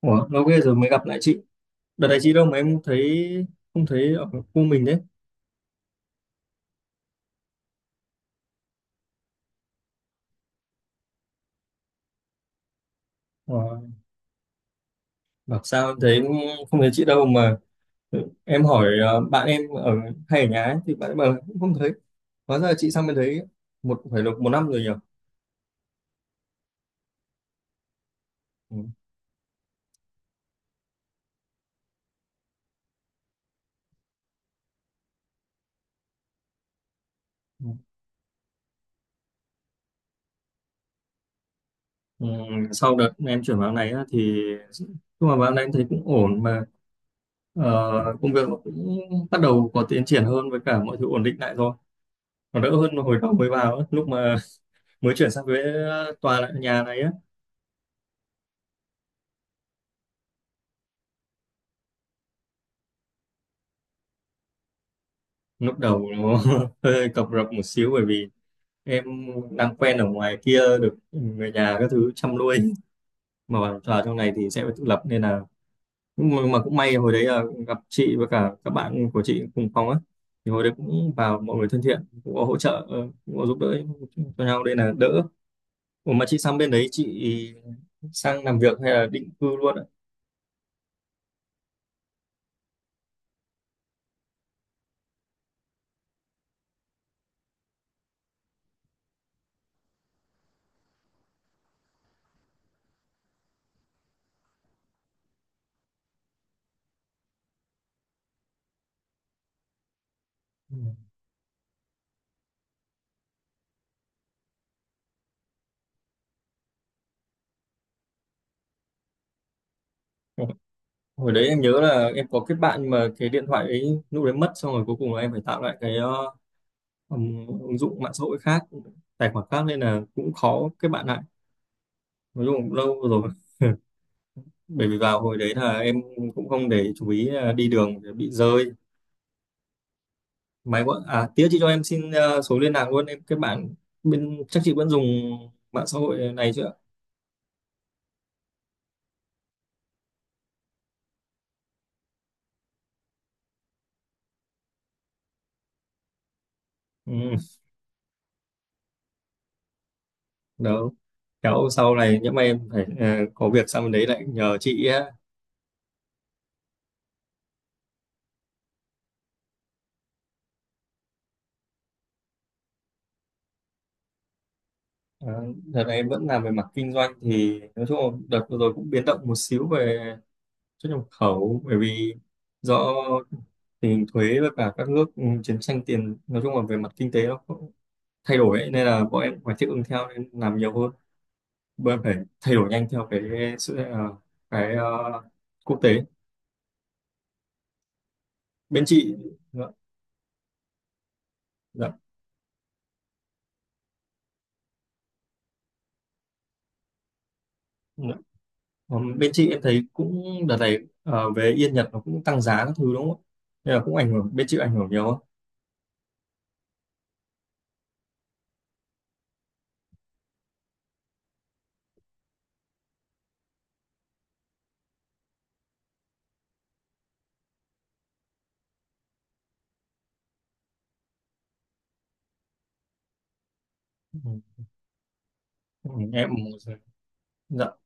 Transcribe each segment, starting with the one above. Ủa, lâu ghê rồi mới gặp lại chị. Đợt này chị đâu mà em thấy không thấy ở khu mình đấy. Ủa, bảo sao em thấy không thấy chị đâu mà, ừ, em hỏi bạn em ở hay ở nhà ấy, thì bạn em bảo là cũng không thấy. Hóa ra là chị sang bên đấy phải được một năm rồi nhỉ. Ừ. Ừ, ừ, sau đợt em chuyển vào này á, thì nhưng mà vào này em thấy cũng ổn mà, ờ, công việc nó cũng bắt đầu có tiến triển hơn với cả mọi thứ ổn định lại rồi. Nó đỡ hơn hồi đầu mới vào ấy, lúc mà mới chuyển sang với tòa lại nhà này á. Lúc đầu nó hơi cập rập một xíu, bởi vì em đang quen ở ngoài kia được người nhà các thứ chăm nuôi, mà vào vào trong này thì sẽ phải tự lập. Nên là nhưng mà cũng may hồi đấy là gặp chị với cả các bạn của chị cùng phòng á, thì hồi đấy cũng vào mọi người thân thiện, cũng có hỗ trợ, cũng có giúp đỡ cho nhau đây là đỡ. Ủa mà chị sang bên đấy chị sang làm việc hay là định cư luôn ạ? Ừ. Hồi đấy em nhớ là em có kết bạn, nhưng mà cái điện thoại ấy lúc đấy mất, xong rồi cuối cùng là em phải tạo lại cái ứng dụng mạng xã hội khác, tài khoản khác, nên là cũng khó kết bạn lại. Nói chung cũng lâu rồi, bởi vì vào hồi đấy là em cũng không để chú ý là đi đường để bị rơi máy gọi à tía chị cho em xin số liên lạc luôn, em kết bạn bên chắc chị vẫn dùng mạng xã hội này chưa. ừ, Đó kéo sau này nhỡ mà em phải, có việc sang bên đấy lại nhờ chị á. Ờ, Đợt này em vẫn làm về mặt kinh doanh, thì nói chung là đợt vừa rồi cũng biến động một xíu về xuất nhập khẩu, bởi vì do tình hình thuế với cả các nước, chiến tranh tiền, nói chung là về mặt kinh tế nó cũng thay đổi ấy, nên là bọn em cũng phải thích ứng theo, nên làm nhiều hơn. Bọn em phải thay đổi nhanh theo cái sự cái ờ, quốc tế bên chị. Dạ, dạ, dạ. Bên chị em thấy cũng đợt này, về yên Nhật nó cũng tăng giá các thứ đúng không ạ? Nên là cũng ảnh hưởng bên chị ảnh hưởng nhiều không? Ừ, ừ, em dạ.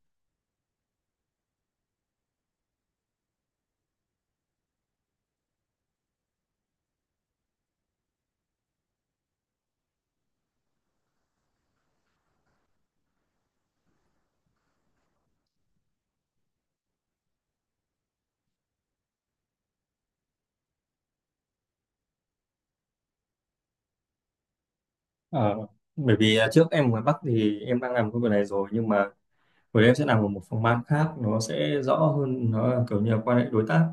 Ờ, Bởi vì trước em ở ngoài Bắc thì em đang làm công việc này rồi, nhưng mà của em sẽ làm ở một phòng ban khác, nó sẽ rõ hơn, nó là kiểu như là quan hệ đối tác,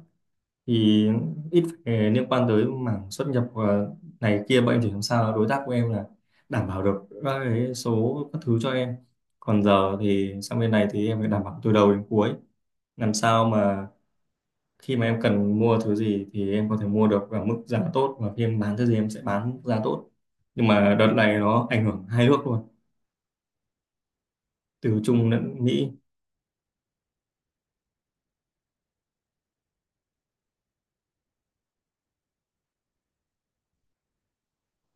thì ít phải liên quan tới mảng xuất nhập và này kia. Bọn em chỉ làm sao đối tác của em là đảm bảo được các cái số các thứ cho em, còn giờ thì sang bên này thì em phải đảm bảo từ đầu đến cuối, làm sao mà khi mà em cần mua thứ gì thì em có thể mua được ở mức giá tốt, và khi em bán thứ gì em sẽ bán mức giá tốt. Nhưng mà đợt này nó ảnh hưởng hai nước luôn, từ Trung lẫn Mỹ.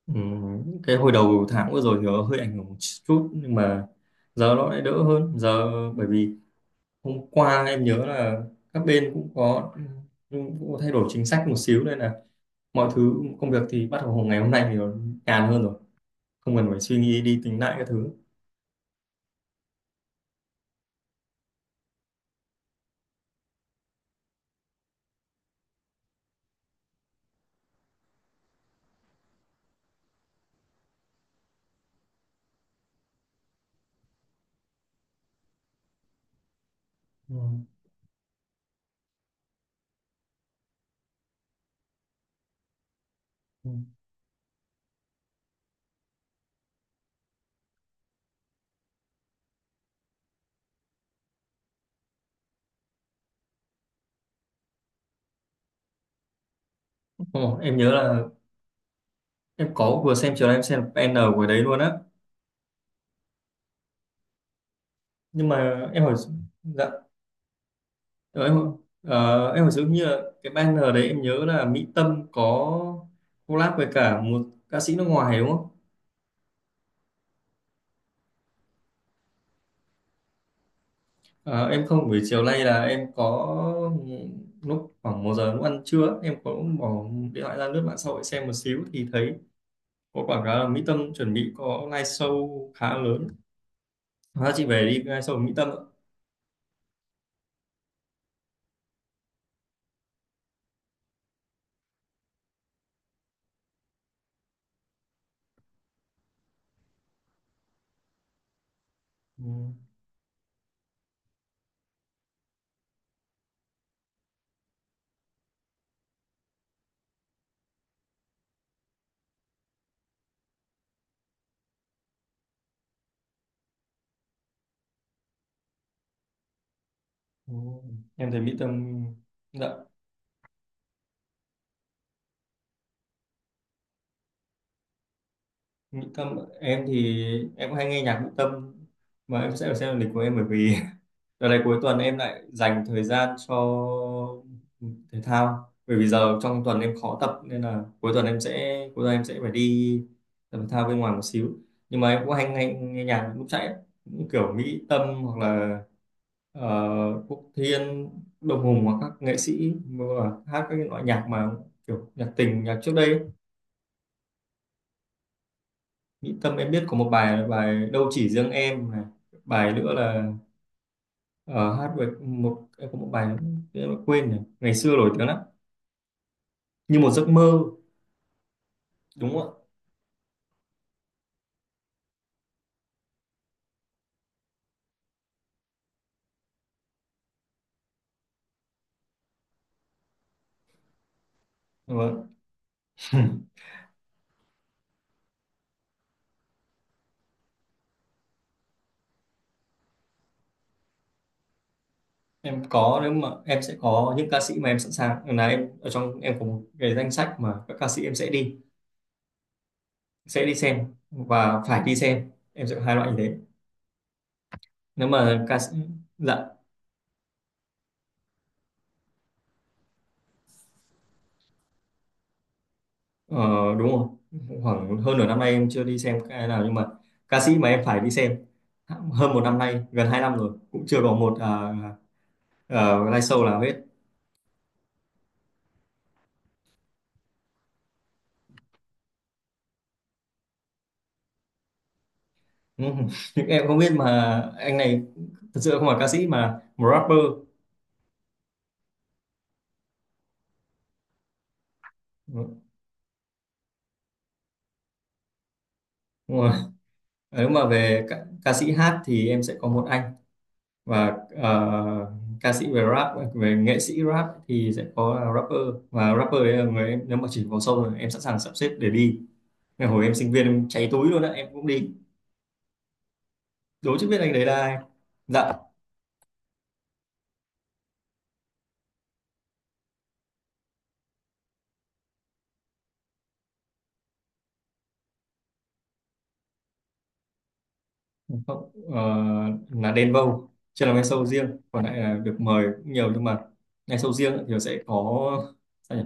Ừ, cái hồi đầu tháng vừa rồi thì nó hơi ảnh hưởng một chút, nhưng mà giờ nó lại đỡ hơn giờ, bởi vì hôm qua em nhớ là các bên cũng có, cũng có thay đổi chính sách một xíu, nên là mọi thứ công việc thì bắt đầu ngày hôm nay thì nó nhàn hơn rồi, không cần phải suy nghĩ đi tính lại các thứ. Ừ. Ừ. Ồ, em nhớ là em có vừa xem chiều nay em xem N của đấy luôn á, nhưng mà em hỏi. Dạ. Ờ, em em phải giống như là cái banner đấy, em nhớ là Mỹ Tâm có collab với cả một ca sĩ nước ngoài đúng không? Ờ, em không buổi chiều nay là em có lúc khoảng 1 giờ lúc ăn trưa em có bỏ điện thoại ra lướt mạng xã hội xem một xíu thì thấy có quảng cáo là Mỹ Tâm chuẩn bị có live show khá lớn. Hóa chị về đi live show của Mỹ Tâm ạ. Ừ, ừ. Em thấy Mỹ Tâm. Dạ, Mỹ Tâm em thì em cũng hay nghe nhạc Mỹ Tâm, mà em sẽ phải xem lịch của em, bởi vì đợt này cuối tuần em lại dành thời gian cho thể thao, bởi vì giờ trong tuần em khó tập, nên là cuối tuần em sẽ phải đi tập thể thao bên ngoài một xíu, nhưng mà em cũng hay nghe nhạc lúc chạy ấy. Cũng kiểu Mỹ Tâm hoặc là Quốc Thiên, Đông Hùng, hoặc các nghệ sĩ mà hát các cái loại nhạc mà kiểu nhạc tình, nhạc trước đây ấy. Mỹ Tâm em biết có một bài là bài Đâu Chỉ Riêng Em này, bài nữa là, Ờ, hát về một em có một bài em đã quên rồi, ngày xưa nổi tiếng lắm, như một giấc mơ đúng không ạ? Vâng. Em có, nếu mà em sẽ có những ca sĩ mà em sẵn sàng là em ở trong, em có một cái danh sách mà các ca sĩ em sẽ đi, sẽ đi xem và phải đi xem, em sẽ có hai loại như thế. Nếu mà ca sĩ. Dạ. ờ, Đúng rồi. Khoảng hơn nửa năm nay em chưa đi xem cái nào, nhưng mà ca sĩ mà em phải đi xem hơn một năm nay, gần 2 năm rồi cũng chưa có một live show nào hết. Ừ, nhưng em không biết, mà anh này thật sự không phải ca sĩ mà một rapper. Ừ, đúng rồi. Nếu mà về ca sĩ hát thì em sẽ có một anh, và ca sĩ về rap, về nghệ sĩ rap thì sẽ có là rapper, và rapper đấy là người em nếu mà chỉ vào sâu rồi em sẵn sàng sắp xếp để đi. Ngày hồi em sinh viên em cháy túi luôn á em cũng đi. Đố chứ biết anh đấy là ai. Dạ không, là Đen Vâu. Chưa làm live show riêng, còn lại là được mời cũng nhiều, nhưng mà live show riêng thì sẽ có sao nhỉ,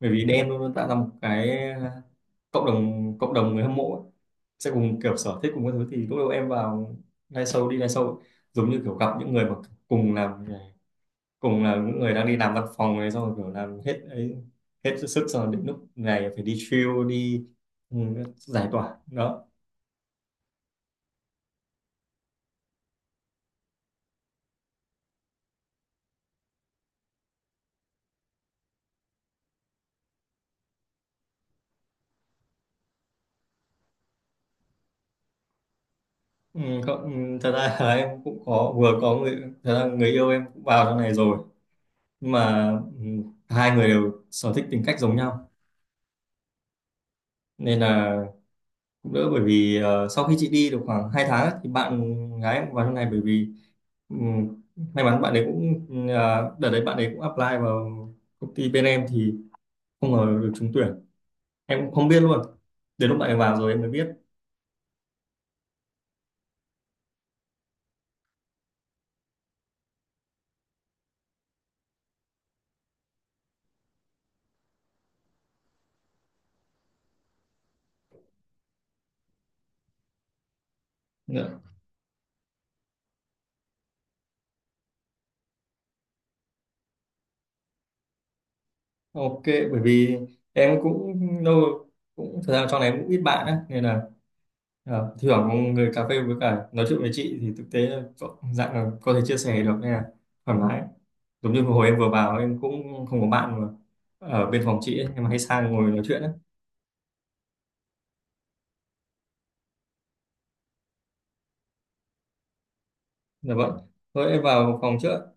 bởi vì Đen luôn luôn tạo ra một cái, cộng đồng người hâm mộ ấy. Sẽ cùng kiểu sở thích cùng các thứ, thì lúc đầu em vào live show, đi live show ấy, giống như kiểu gặp những người mà cùng làm, cùng là những người đang đi làm văn phòng này, xong rồi kiểu làm hết ấy, hết sức xong rồi đến lúc này phải đi chill đi, ừ, giải tỏa đó. Ừ, không, ừ, thật ra là em cũng có vừa có người, thật ra người yêu em cũng vào trong này rồi, nhưng mà ừ, hai người đều sở thích tính cách giống nhau, nên là cũng đỡ, bởi vì sau khi chị đi được khoảng 2 tháng ấy, thì bạn gái em cũng vào trong này, bởi vì ừ, may mắn bạn ấy cũng, đợt đấy bạn ấy cũng apply vào công ty bên em, thì không ngờ được trúng tuyển, em cũng không biết luôn, đến lúc bạn ấy vào rồi em mới biết. Dạ. Ok, bởi vì em cũng lâu, cũng thời gian trong này em cũng ít bạn á, nên là thưởng người cà phê với cả nói chuyện với chị thì thực tế là có- dạng là có thể chia sẻ được, nên là thoải mái. Giống như hồi em vừa vào em cũng không có bạn mà ở bên phòng chị ấy, em hay sang ngồi nói chuyện á. Dạ vâng. Thôi em vào phòng trước.